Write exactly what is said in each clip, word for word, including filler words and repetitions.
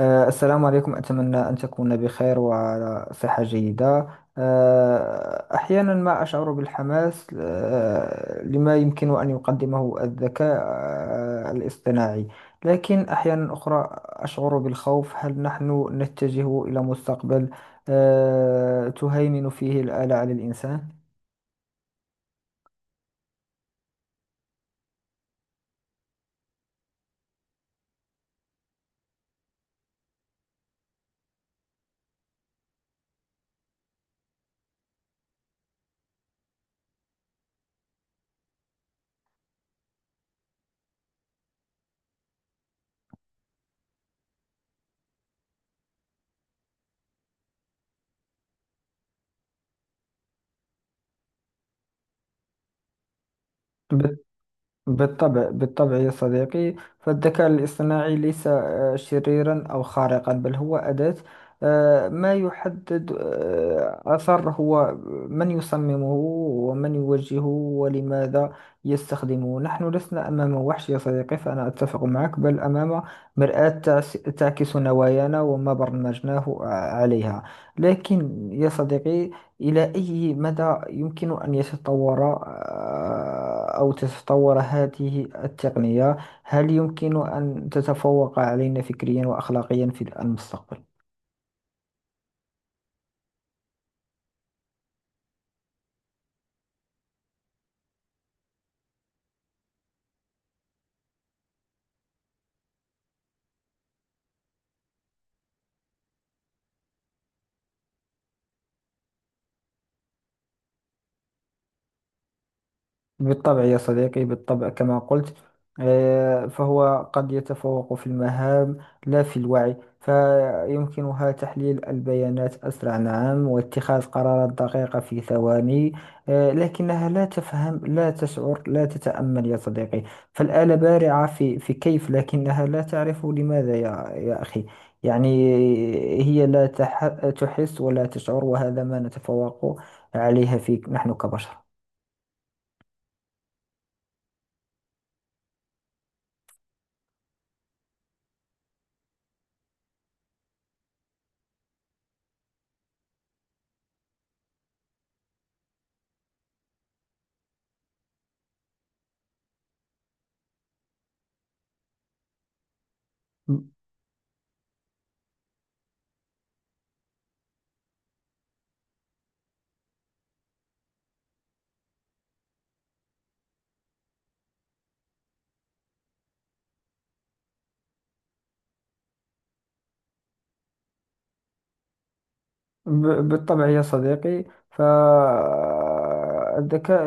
آه، السلام عليكم. أتمنى أن تكون بخير وعلى صحة جيدة. آه، أحيانا ما أشعر بالحماس آه، لما يمكن أن يقدمه الذكاء آه، الاصطناعي. لكن أحيانا أخرى أشعر بالخوف. هل نحن نتجه إلى مستقبل آه، تهيمن فيه الآلة على الإنسان؟ بالطبع، بالطبع يا صديقي. فالذكاء الاصطناعي ليس آه، شريرا أو خارقا، بل هو أداة. آه، ما يحدد آه، أثر هو من يصممه، ومن يوجهه، ولماذا يستخدمه. نحن لسنا أمام وحش يا صديقي، فأنا أتفق معك، بل أمام مرآة تعس- تعكس نوايانا وما برمجناه ع- عليها. لكن يا صديقي، إلى أي مدى يمكن أن يتطور آه، أو تتطور هذه التقنية؟ هل يمكن أن تتفوق علينا فكريا وأخلاقيا في المستقبل؟ بالطبع يا صديقي، بالطبع كما قلت. آه، فهو قد يتفوق في المهام، لا في الوعي. فيمكنها تحليل البيانات أسرع، نعم، واتخاذ قرارات دقيقة في ثواني. آه، لكنها لا تفهم، لا تشعر، لا تتأمل يا صديقي. فالآلة بارعة في في كيف، لكنها لا تعرف لماذا يا يا أخي. يعني هي لا تح- تحس ولا تشعر، وهذا ما نتفوق عليها في نحن كبشر. ب- بالطبع يا صديقي. فالذكاء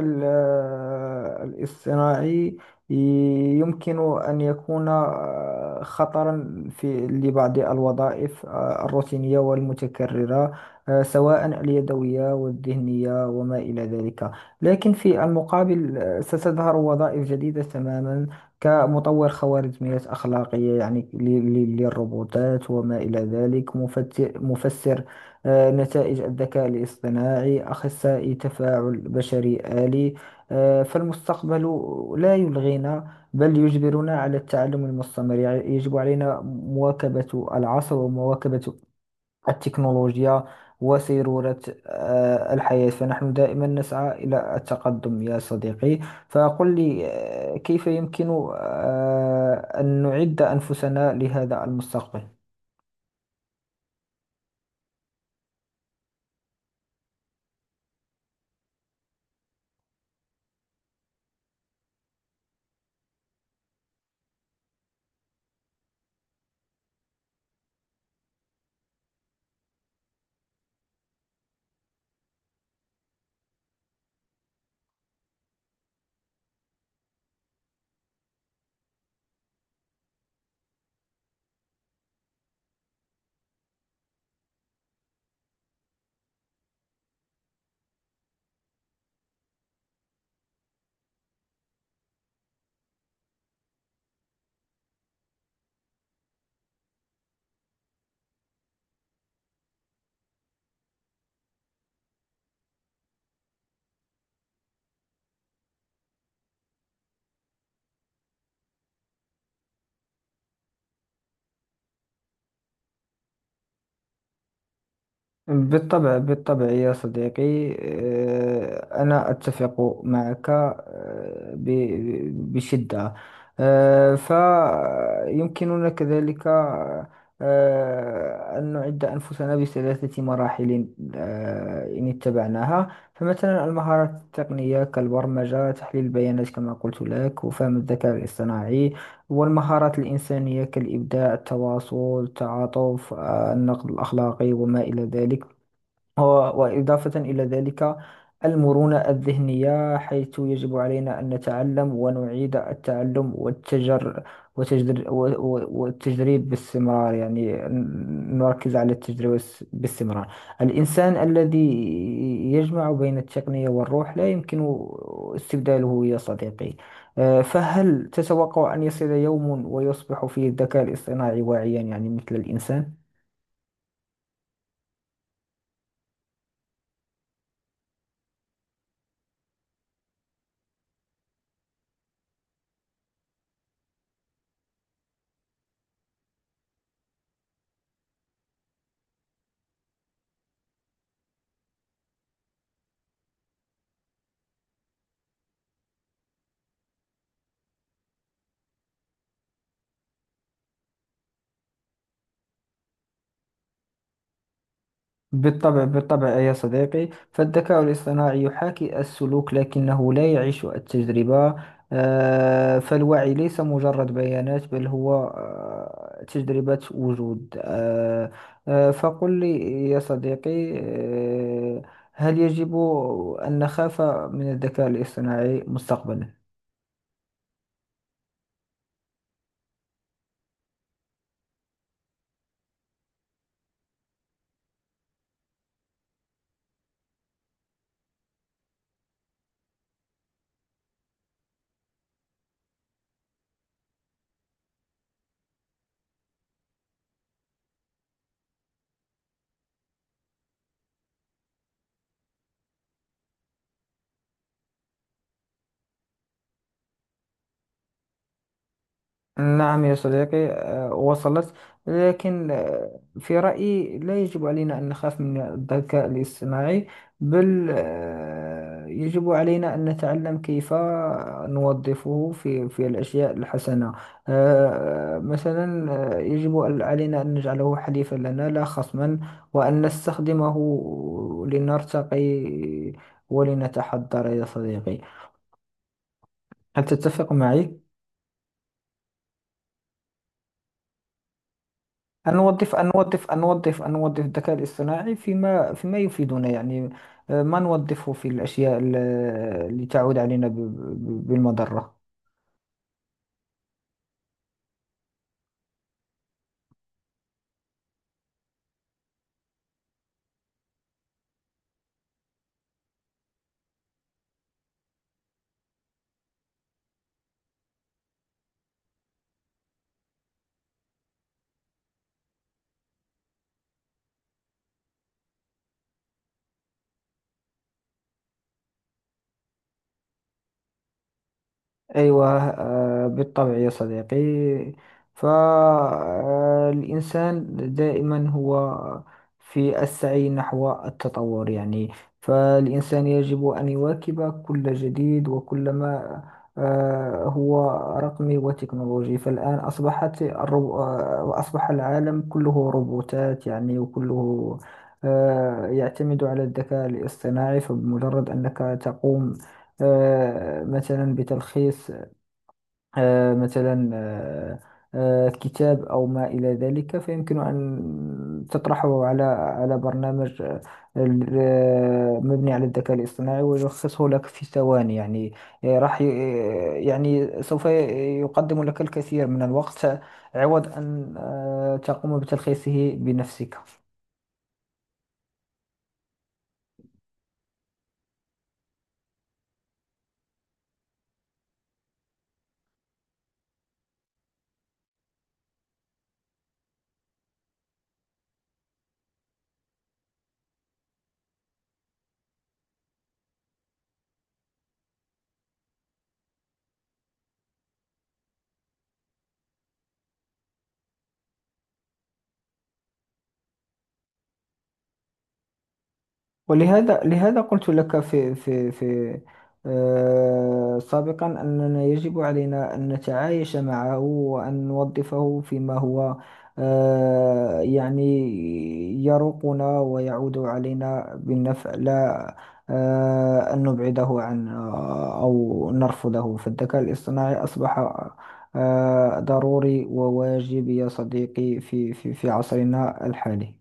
الاصطناعي ي- يمكن أن يكون آه، خطرا في لبعض الوظائف آه، الروتينية والمتكررة، آه، سواء اليدوية والذهنية وما إلى ذلك. لكن في المقابل، آه، ستظهر وظائف جديدة تماما، كمطور خوارزميات أخلاقية يعني لل- لل- للروبوتات وما إلى ذلك، مفت- مفسر آه، نتائج الذكاء الاصطناعي، أخصائي تفاعل بشري آلي. آه، فالمستقبل لا يلغينا بل يجبرنا على التعلم المستمر. يع- يجب علينا مواكبة العصر ومواكبة التكنولوجيا وسيرورة آه، الحياة. فنحن دائما نسعى إلى التقدم يا صديقي. فقل لي، آه، كيف يمكن آه، أن نعد أنفسنا لهذا المستقبل؟ بالطبع، بالطبع يا صديقي. آه، أنا أتفق معك آه، ب- بشدة. آه، فيمكننا كذلك آه، أن نعد أنفسنا بثلاثة مراحل آه، إن اتبعناها. فمثلا، المهارات التقنية كالبرمجة، تحليل البيانات كما قلت لك، وفهم الذكاء الاصطناعي، والمهارات الإنسانية كالإبداع، التواصل، التعاطف، آه، النقد الأخلاقي وما إلى ذلك. و- وإضافة إلى ذلك، المرونة الذهنية، حيث يجب علينا أن نتعلم ونعيد التعلم والتجر وتجدر و- و- والتجريب باستمرار. يعني ن- نركز على التجربة الس- باستمرار. الإنسان الذي يجمع بين التقنية والروح لا يمكن استبداله يا صديقي. آه، فهل تتوقع أن يصل يوم ويصبح فيه الذكاء الاصطناعي واعيا، يعني مثل الإنسان؟ بالطبع، بالطبع يا صديقي. فالذكاء الاصطناعي يحاكي السلوك لكنه لا يعيش التجربة. آه، فالوعي ليس مجرد بيانات، بل هو آه، تجربة وجود. آه، آه، فقل لي يا صديقي، آه، هل يجب أن نخاف من الذكاء الاصطناعي مستقبلا؟ نعم يا صديقي، آه، وصلت. لكن آه، في رأيي لا يجب علينا أن نخاف من الذكاء الاصطناعي، بل آه، يجب علينا أن نتعلم كيف نوظفه في في الأشياء الحسنة. آه، مثلا، آه، يجب ال- علينا أن نجعله حليفا لنا، لا خصما، وأن نستخدمه لنرتقي ولنتحضر يا صديقي. هل تتفق معي؟ أنوظف أنوظف أنوظف أنوظف الذكاء الاصطناعي فيما فيما يفيدنا يعني. آه، ما نوظفه في الأشياء ال- اللي تعود علينا ب- ب- بالمضرة. أيوة، آه، بالطبع يا صديقي. فالإنسان دائما هو في السعي نحو التطور يعني. فالإنسان يجب أن يواكب كل جديد وكل ما آه، هو رقمي وتكنولوجي. فالآن أصبحت الرو... آه، أصبح العالم كله روبوتات يعني، وكله آه، يعتمد على الذكاء الاصطناعي. فبمجرد أنك تقوم آه، مثلا بتلخيص آه، مثلا آه، آه، كتاب أو ما إلى ذلك، فيمكن أن تطرحه على على برنامج آه، ال- آه، مبني على الذكاء الاصطناعي، ويلخصه لك في ثواني يعني. آه، راح ي- آه، يعني سوف ي- يقدم لك الكثير من الوقت، عوض أن آه، تقوم بتلخيصه بنفسك. ولهذا لهذا قلت لك في في في آه سابقا أننا يجب علينا أن نتعايش معه وأن نوظفه فيما هو آه يعني يروقنا ويعود علينا بالنفع، لا آه أن نبعده عن آه أو نرفضه. فالذكاء الاصطناعي أصبح آه ضروري وواجب يا صديقي في في في عصرنا الحالي.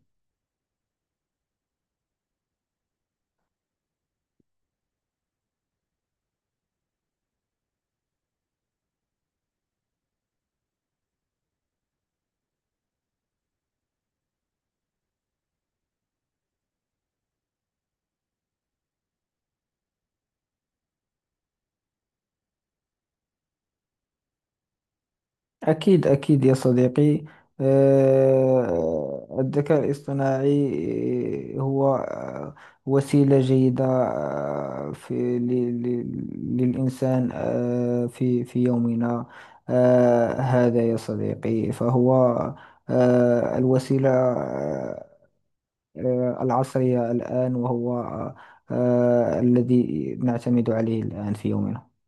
أكيد، أكيد يا صديقي. آه، الذكاء الاصطناعي هو آه، وسيلة جيدة آه، في ل- ل- للإنسان آه، في في يومنا آه، هذا يا صديقي. فهو آه، الوسيلة آه، آه، العصرية الآن، وهو آه، الذي نعتمد عليه الآن في يومنا.